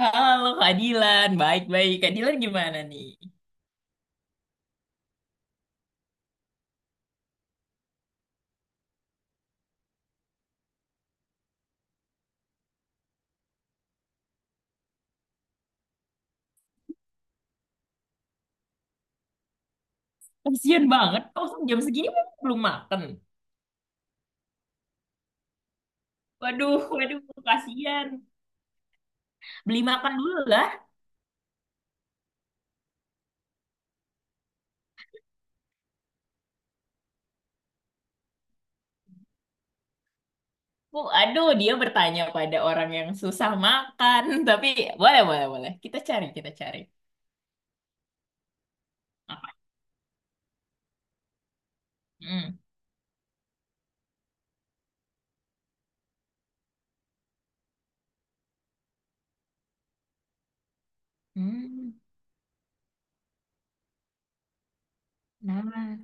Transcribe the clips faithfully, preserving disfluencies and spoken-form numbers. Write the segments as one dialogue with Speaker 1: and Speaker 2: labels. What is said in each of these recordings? Speaker 1: Halo Kak Dilan, baik-baik. Kak Dilan gimana nih? Kasian banget, oh jam segini memang belum makan. Waduh, waduh, kasian. Beli makan dulu lah. Oh, aduh, dia bertanya pada orang yang susah makan. Tapi boleh, boleh, boleh. Kita cari, kita cari. Apa? Hmm. Hmm. Nah.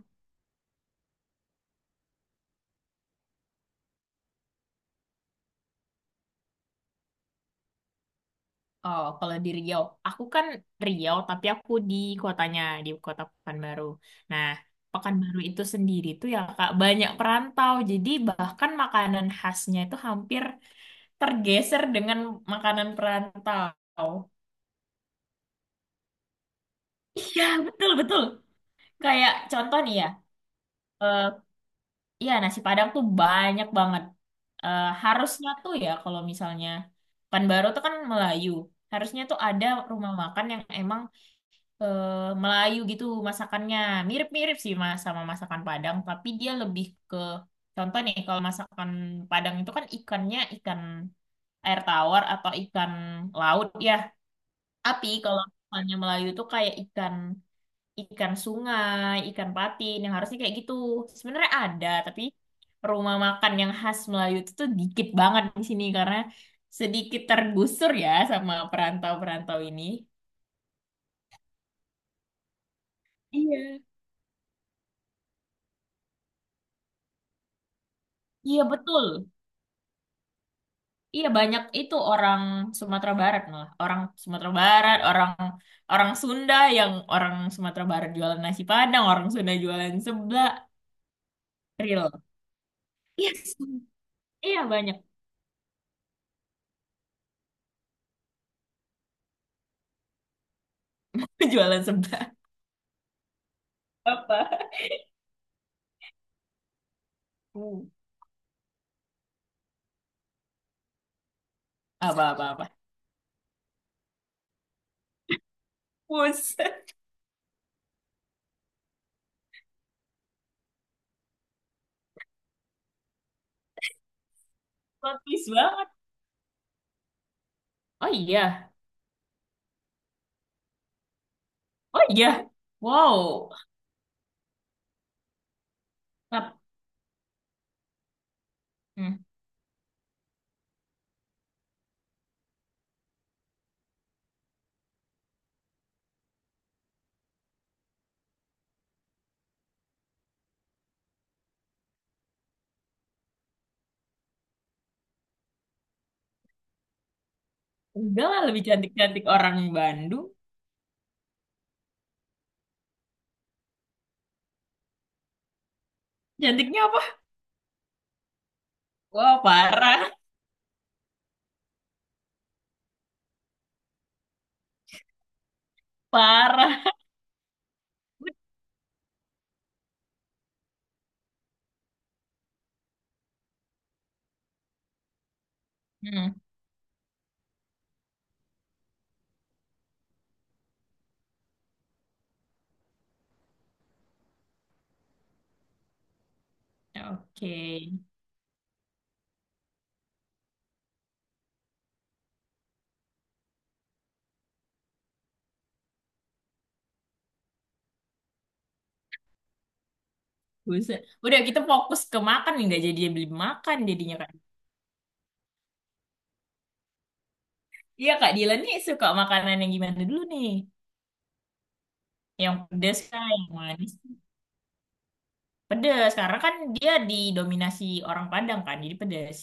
Speaker 1: Oh, kalau di Riau, aku kan Riau, tapi aku di kotanya, di kota Pekanbaru. Nah, Pekanbaru itu sendiri tuh ya Kak, banyak perantau. Jadi bahkan makanan khasnya itu hampir tergeser dengan makanan perantau. Iya, betul, betul. Kayak contoh nih ya, eh iya nasi Padang tuh banyak banget. Eh harusnya tuh ya kalau misalnya Pekanbaru tuh kan Melayu, harusnya tuh ada rumah makan yang emang eh, Melayu gitu masakannya. Mirip-mirip sih Mas sama masakan Padang, tapi dia lebih ke contoh nih kalau masakan Padang itu kan ikannya ikan air tawar atau ikan laut ya. Tapi kalau misalnya Melayu itu kayak ikan ikan sungai, ikan patin yang harusnya kayak gitu. Sebenarnya ada, tapi rumah makan yang khas Melayu itu tuh dikit banget di sini karena sedikit tergusur ya sama perantau-perantau ini. Iya. Iya betul. Iya banyak itu orang Sumatera Barat malah orang Sumatera Barat orang orang Sunda yang orang Sumatera Barat jualan nasi Padang orang Sunda jualan seblak real yes iya banyak jualan seblak apa. Hmm. Apa apa apa. Bus. Plot twist banget oh iya oh iya wow. Tap. Hmm. Udah lah lebih cantik-cantik orang Bandung cantiknya apa wah parah parah. Hmm. Oke. Buset. Udah kita fokus ke makan nih, nggak jadi beli makan jadinya kan. Iya Kak Dilan nih suka makanan yang gimana dulu nih? Yang pedas kah? Yang manis? Pedas. Karena kan dia didominasi orang Padang kan, jadi pedas.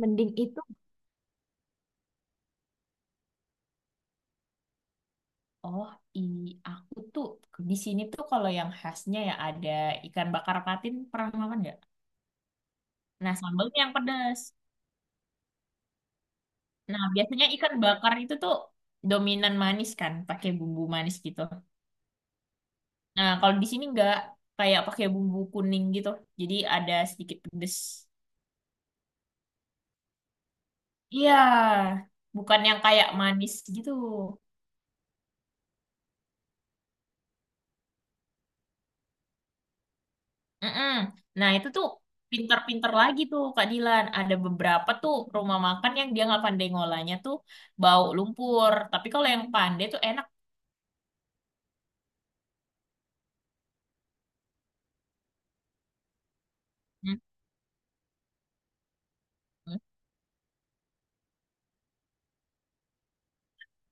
Speaker 1: Mending itu. Oh, i aku tuh di sini tuh kalau yang khasnya ya ada ikan bakar patin pernah makan nggak? Nah, sambalnya yang pedas. Nah, biasanya ikan bakar itu tuh dominan manis kan, pakai bumbu manis gitu. Nah, kalau di sini nggak kayak pakai bumbu kuning gitu. Jadi ada sedikit pedes. Iya, bukan yang kayak manis gitu. Mm-mm. Nah, itu tuh pinter-pinter lagi tuh Kak Dilan. Ada beberapa tuh rumah makan yang dia nggak pandai ngolahnya tuh bau lumpur. Tapi kalau yang pandai tuh enak. Mm-mm.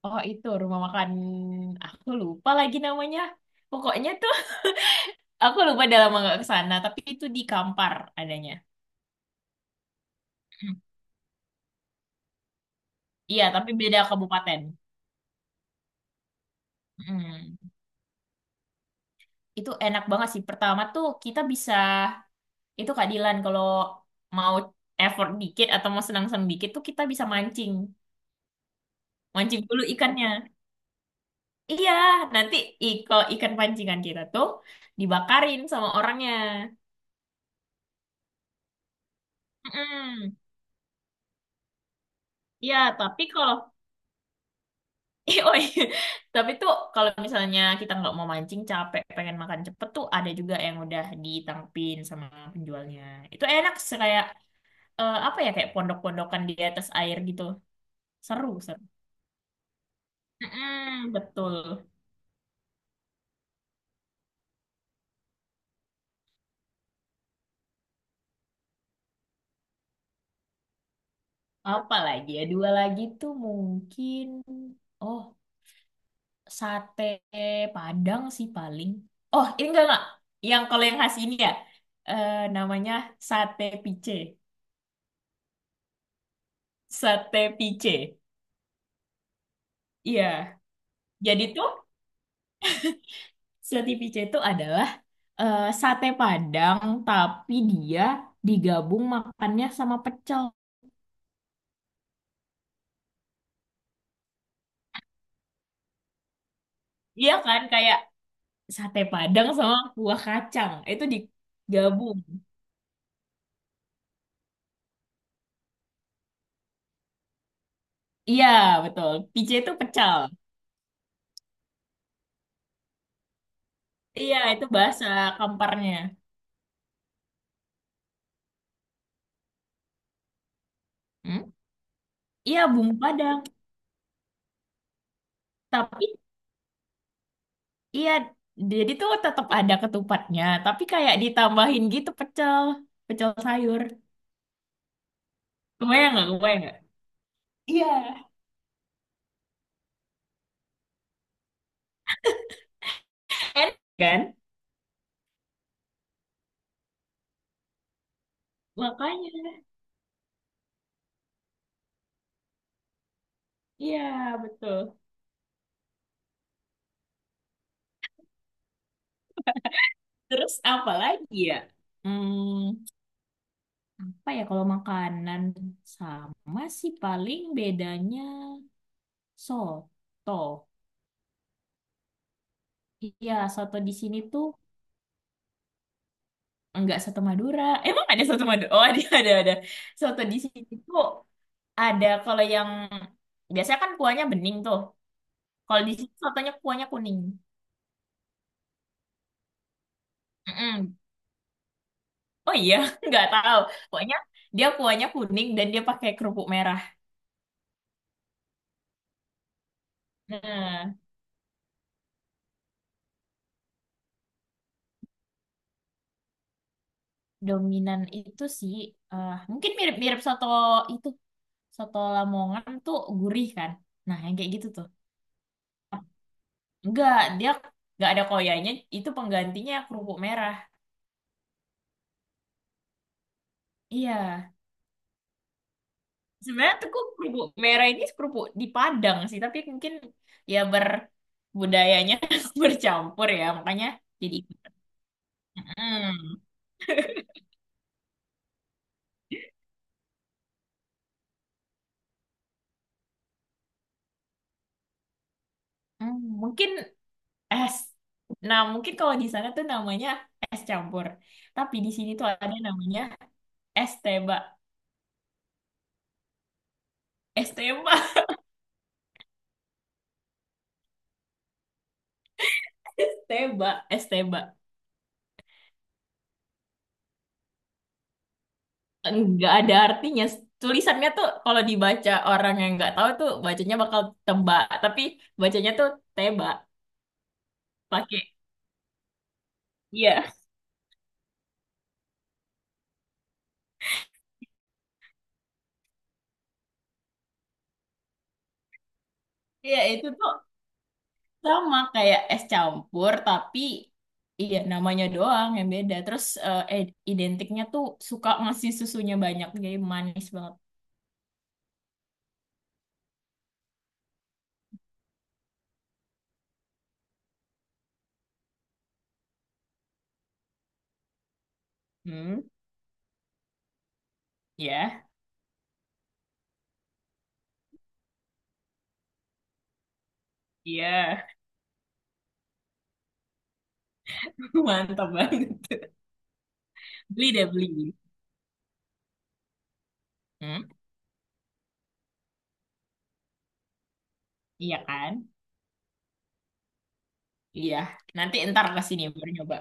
Speaker 1: Oh, itu rumah makan aku lupa lagi namanya. Pokoknya tuh aku lupa udah lama nggak ke sana, tapi itu di Kampar adanya. Mm. Iya, tapi beda kabupaten. Mm. Itu enak banget sih. Pertama tuh kita bisa itu keadilan kalau mau effort dikit atau mau senang-senang dikit tuh kita bisa mancing. Mancing dulu ikannya. Iya, nanti i- kalau ikan pancingan kita tuh dibakarin sama orangnya. Mm-mm. Iya, tapi kalau eh, oh iya. Tapi tuh kalau misalnya kita nggak mau mancing capek pengen makan cepet tuh ada juga yang udah ditangkepin sama penjualnya. Itu enak sih, kayak eh, apa ya kayak pondok-pondokan di atas air gitu. Seru, seru. Mm betul. Apa lagi ya? Dua lagi tuh mungkin oh sate Padang sih paling. Oh, ini enggak enggak. Yang kalau yang khas ini ya eh, namanya sate pice. Sate pice. Iya. Jadi tuh sate pice itu adalah eh, sate Padang tapi dia digabung makannya sama pecel. Iya kan kayak sate Padang sama buah kacang. Itu digabung. Iya, betul. P C itu pecal. Iya, itu bahasa kamparnya. Hmm? Iya, bumbu Padang. Tapi iya, jadi tuh tetap ada ketupatnya, tapi kayak ditambahin gitu pecel, pecel sayur. Kebayang nggak? Kebayang nggak? Iya, enak kan? Makanya, iya betul. Terus apa lagi ya? Hmm, apa ya kalau makanan sama sih paling bedanya soto. Iya, soto di sini tuh. Enggak soto Madura. Emang ada soto Madura? Oh, ada, ada, ada. Soto di sini tuh ada kalau yang biasanya kan kuahnya bening tuh. Kalau di sini sotonya kuahnya kuning. Mm-mm. Oh iya, nggak tahu. Pokoknya dia kuahnya kuning dan dia pakai kerupuk merah. Nah, dominan itu sih eh, mungkin mirip-mirip soto itu. Soto Lamongan tuh gurih kan. Nah, yang kayak gitu tuh. Enggak, dia nggak ada koyanya, itu penggantinya kerupuk merah. Iya. Sebenarnya tuh kerupuk merah ini kerupuk di Padang sih, tapi mungkin ya berbudayanya bercampur ya, makanya jadi. Hmm. Hmm, mungkin es. Nah, mungkin kalau di sana tuh namanya es campur, tapi di sini tuh ada namanya es teba, es teba, es teba, es teba. Nggak ada artinya. Tulisannya tuh kalau dibaca orang yang nggak tahu tuh bacanya bakal teba, tapi bacanya tuh teba pakai. Iya. Iya, itu tuh sama kayak es campur, tapi iya namanya doang yang beda. Terus eh, ed- identiknya tuh suka ngasih susunya banyak, jadi manis banget. Hmm, ya, iya, mantap banget. Beli deh, beli. Hmm, iya kan? Iya, nanti ntar ke sini baru nyoba.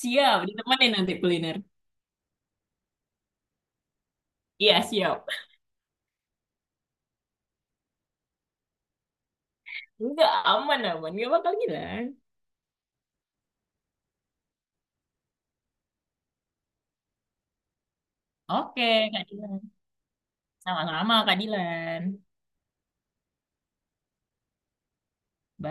Speaker 1: Siap, ditemenin nanti kuliner. Iya, siap. Enggak, aman, aman. Gak bakal hilang. Oke, Kak Dilan. Sama-sama, Kak Dilan. Bye.